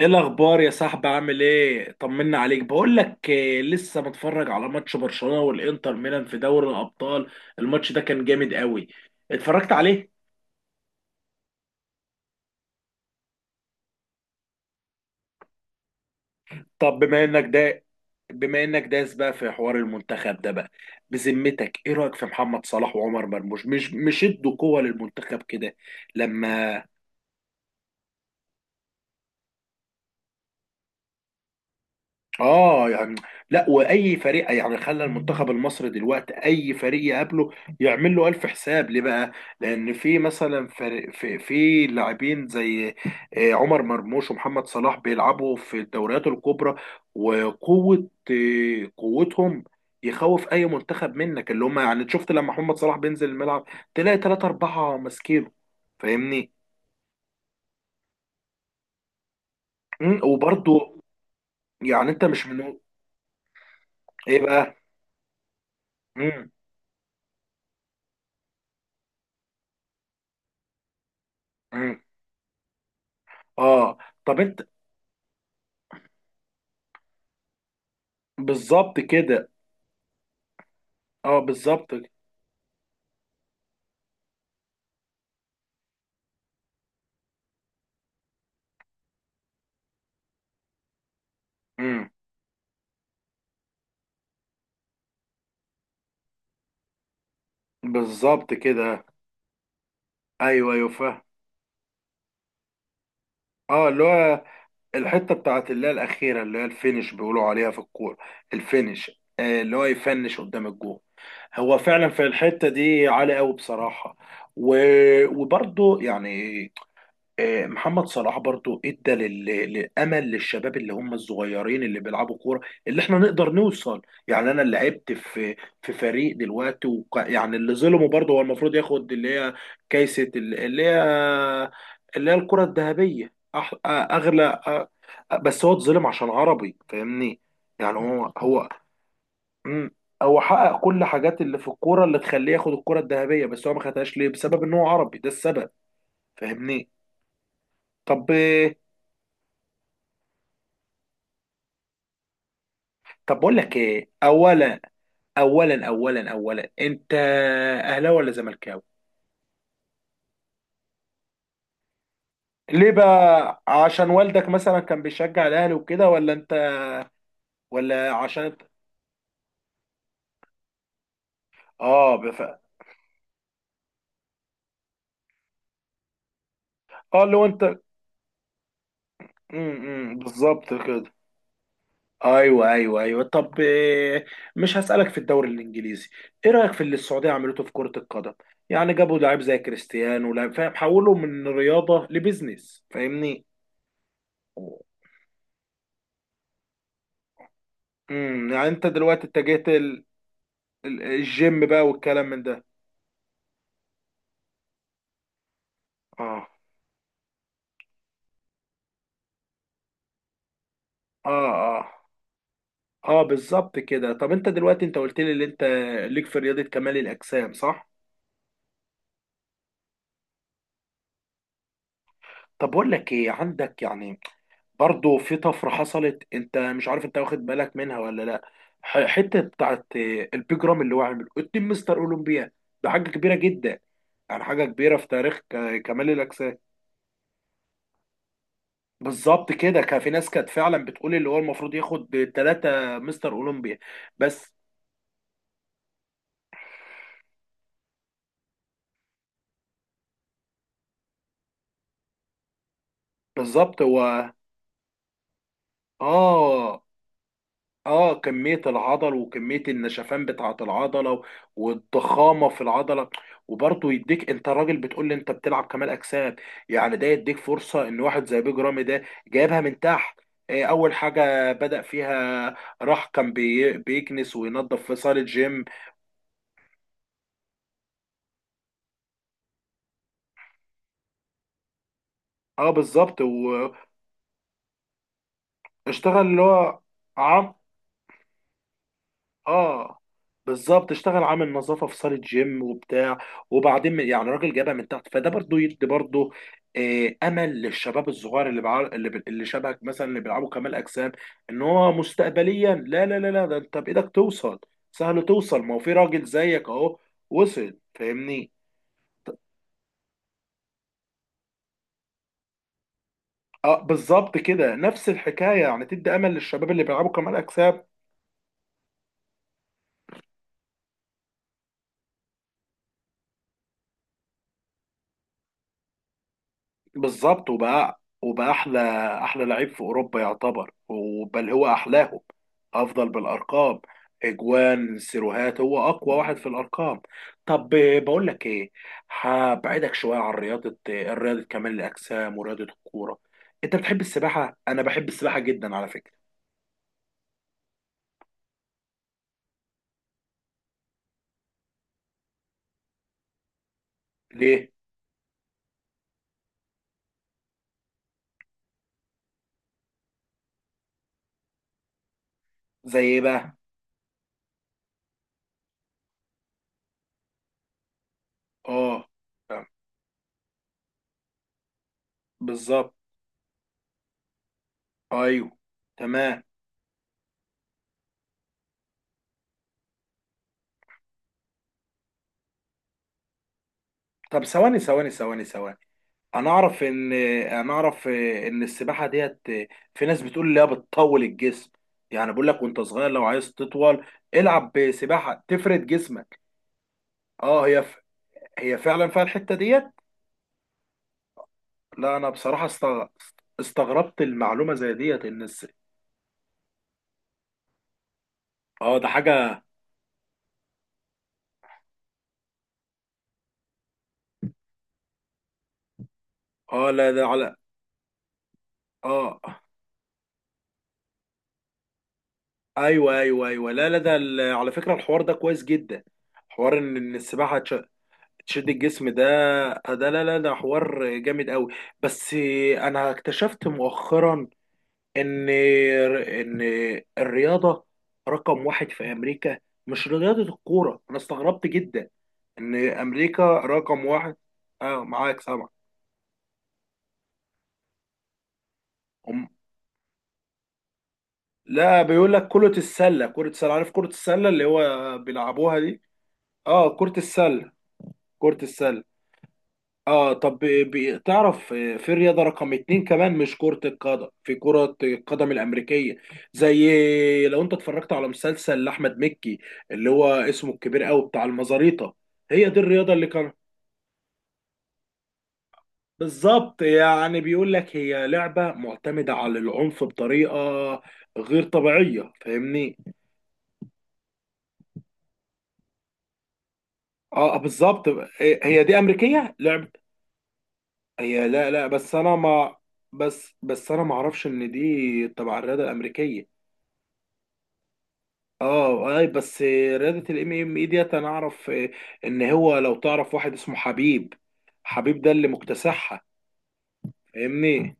ايه الاخبار يا صاحبي؟ عامل ايه؟ طمنا عليك. بقول لك إيه، لسه متفرج على ماتش برشلونة والانتر ميلان في دوري الابطال؟ الماتش ده كان جامد قوي، اتفرجت عليه؟ طب بما انك ده بما انك داس بقى في حوار المنتخب ده بقى، بذمتك ايه رايك في محمد صلاح وعمر مرموش؟ مش ادوا قوة للمنتخب كده؟ لما اه يعني لا، واي فريق يعني خلى المنتخب المصري دلوقتي اي فريق يقابله يعمل له الف حساب، ليه بقى؟ لان في مثلا فريق، في لاعبين زي عمر مرموش ومحمد صلاح بيلعبوا في الدوريات الكبرى وقوه، قوتهم يخوف اي منتخب منك، اللي هم يعني شفت لما محمد صلاح بينزل الملعب تلاقي ثلاثة أربعة ماسكينه، فاهمني؟ وبرضه يعني انت مش من ايه بقى؟ مم، مم. اه. طب انت بالظبط كده. اه، بالظبط. امم بالظبط كده. ايوه، ايوه، فاهم. اه، اللي هو الحته بتاعت اللي هي الاخيره، اللي هي الفينش بيقولوا عليها في الكوره. الفينش، اللي هو يفنش قدام الجول. هو فعلا في الحته دي عالي قوي بصراحه. و... وبرضه يعني محمد صلاح برضو ادى للامل، للشباب اللي هم الصغيرين اللي بيلعبوا كوره، اللي احنا نقدر نوصل. يعني انا اللي لعبت في فريق دلوقتي يعني اللي ظلمه برضو هو المفروض ياخد اللي هي كيسه اللي هي اللي هي الكره الذهبيه. اغلى بس هو اتظلم عشان عربي، فاهمني؟ يعني هو مم، هو حقق كل حاجات اللي في الكوره اللي تخليه ياخد الكره الذهبيه، بس هو ما خدهاش، ليه؟ بسبب ان هو عربي، ده السبب، فاهمني؟ طب طب بقول لك ايه، اولا، انت اهلاوي ولا زملكاوي؟ ليه بقى؟ عشان والدك مثلا كان بيشجع الاهلي وكده، ولا انت، ولا عشان انت اه اه، لو انت إمم، بالظبط كده. ايوه، ايوه، ايوه. طب، مش هسألك في الدوري الانجليزي، ايه رأيك في اللي السعودية عملته في كرة القدم؟ يعني جابوا لعيب زي كريستيانو، لعيب فاهم، حولوا من رياضة لبزنس، فاهمني؟ يعني انت دلوقتي اتجهت الجيم بقى والكلام من ده. اه، اه، اه، اه، بالظبط كده. طب انت دلوقتي انت قلت لي ان انت ليك في رياضة كمال الأجسام، صح؟ طب بقول لك ايه، عندك يعني برضو في طفرة حصلت، انت مش عارف، انت واخد بالك منها ولا لا؟ حتة بتاعت البيج رامي اللي هو عامله 2 مستر اولمبيا، ده حاجة كبيرة جدا، يعني حاجة كبيرة في تاريخ كمال الأجسام. بالظبط كده، كان في ناس كانت فعلا بتقول اللي هو المفروض ياخد 3 مستر اولمبيا. بس، بالظبط هو، اه، اه، كمية العضل وكمية النشفان بتاعة العضلة والضخامة في العضلة. وبرضه يديك، انت راجل بتقول لي انت بتلعب كمال اجسام، يعني ده يديك فرصة ان واحد زي بيج رامي ده جايبها من تحت. اول حاجة بدأ فيها راح، كان بيكنس وينظف في صالة جيم. اه، بالظبط واشتغل. اللي هو، اه، بالظبط اشتغل عامل نظافه في صاله جيم وبتاع، وبعدين يعني راجل جابها من تحت، فده برضو يدي برضو امل للشباب الصغير، اللي شبهك مثلا اللي بيلعبوا كمال اجسام، ان هو مستقبليا، لا لا لا لا، ده انت بايدك توصل، سهل توصل، ما هو في راجل زيك اهو وصل، فاهمني؟ اه، بالظبط كده، نفس الحكايه، يعني تدي امل للشباب اللي بيلعبوا كمال اجسام. بالظبط، وبقى احلى لعيب في اوروبا يعتبر، وبل هو احلاهم، افضل بالارقام. اجوان سيروهات هو اقوى واحد في الارقام. طب، بقول لك ايه، هبعدك شويه عن رياضه، رياضه كمال الاجسام ورياضه الكوره. انت بتحب السباحه؟ انا بحب السباحه جدا على فكره. ليه؟ زي ايه بقى؟ اه، بالظبط. ايوه، تمام. طب، ثواني ثواني ثواني ثواني، انا اعرف ان انا اعرف ان السباحه ديت في ناس بتقول لها بتطول الجسم، يعني بقول لك وانت صغير لو عايز تطول العب بسباحه تفرد جسمك. اه، هي فعلا فيها الحته ديت. لا، انا بصراحه استغربت المعلومه زي ديت ان اه، ده حاجه. اه، لا، ده على. اه، ايوه، ايوه، ايوه، لا لا، ده على فكره الحوار ده كويس جدا، حوار إن السباحه تشد الجسم ده، ده لا لا، ده حوار جامد قوي. بس انا اكتشفت مؤخرا ان الرياضه رقم واحد في امريكا مش رياضه الكوره، انا استغربت جدا ان امريكا رقم واحد. اه، معاك سامع؟ هم. لا، بيقول لك كره السله عارف كره السله اللي هو بيلعبوها دي. اه، كره السله، كره السله اه طب، تعرف في رياضة رقم اتنين كمان، مش كرة القدم، في كرة القدم الأمريكية. زي لو أنت اتفرجت على مسلسل لأحمد مكي اللي هو اسمه الكبير أوي بتاع المزاريطة، هي دي الرياضة اللي كان. بالظبط يعني، بيقول لك هي لعبة معتمدة على العنف بطريقة غير طبيعية، فاهمني؟ اه، بالظبط. هي دي أمريكية لعب. هي، لا لا، بس أنا ما أعرفش إن دي تبع الرياضة الأمريكية. اه، اي، بس رياضة الام ام اي ديت انا اعرف ان هو لو تعرف واحد اسمه حبيب، حبيب ده اللي مكتسحها، فاهمني؟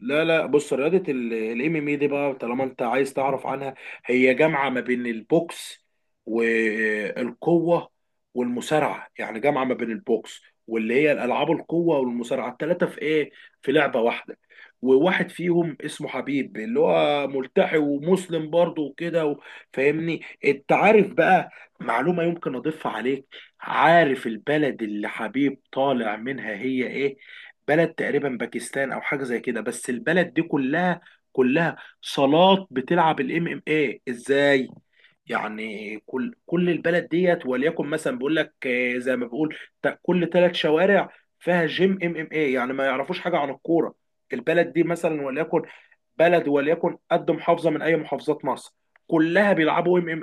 لا لا، بص، رياضة الام ام اي دي بقى، طالما انت عايز تعرف عنها، هي جامعة ما بين البوكس والقوة والمصارعة، يعني جامعة ما بين البوكس واللي هي الالعاب القوة والمصارعة، الثلاثة في ايه، في لعبة واحدة. وواحد فيهم اسمه حبيب اللي هو ملتحي ومسلم برضه وكده فاهمني؟ انت عارف بقى معلومة يمكن اضيفها عليك؟ عارف البلد اللي حبيب طالع منها هي ايه؟ بلد تقريبا باكستان او حاجه زي كده، بس البلد دي كلها، كلها صالات بتلعب الام ام ايه، ازاي؟ يعني كل البلد ديت، وليكن مثلا بيقول لك زي ما بقول، كل 3 شوارع فيها جيم ام ام ايه، يعني ما يعرفوش حاجه عن الكوره البلد دي. مثلا وليكن بلد وليكن قد محافظه من اي محافظات مصر، كلها بيلعبوا ام ام.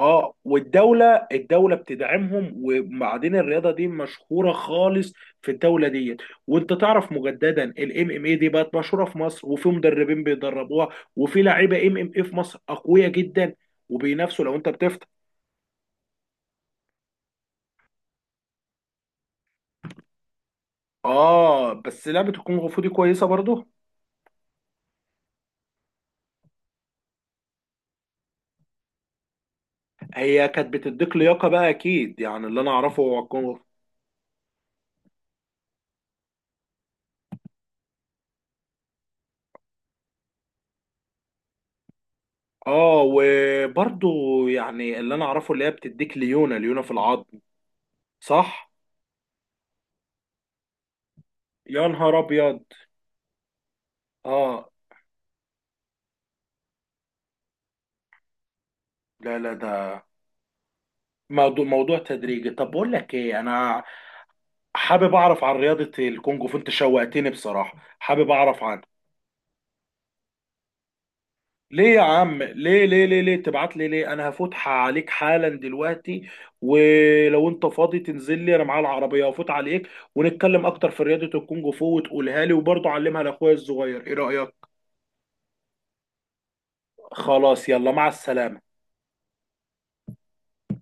اه، والدولة بتدعمهم، وبعدين الرياضة دي مشهورة خالص في الدولة ديت. وانت تعرف مجددا الام ام اي دي بقت مشهورة في مصر، وفي مدربين بيدربوها، وفي لعيبة ام ام اي في مصر اقوياء جدا، وبينافسوا لو انت بتفتح. اه، بس لعبة الكونغ فو دي كويسة برضه. هي كانت بتديك لياقة بقى اكيد، يعني اللي انا اعرفه هو الكونغ فو. اه، وبرضه يعني اللي انا اعرفه اللي هي بتديك ليونة، ليونة في العظم. صح. يا نهار ابيض! اه، لا لا، ده موضوع تدريجي. طب بقول لك ايه، انا حابب اعرف عن رياضة الكونغ فو، انت شوقتني بصراحة، حابب اعرف عنها. ليه يا عم؟ ليه ليه ليه ليه تبعت لي؟ ليه، انا هفوتها عليك حالا دلوقتي، ولو انت فاضي تنزل لي انا معايا العربية وافوت عليك ونتكلم اكتر في رياضة الكونغ فو وتقولها لي، وبرضه علمها لاخويا الصغير، ايه رأيك؟ خلاص، يلا، مع السلامة.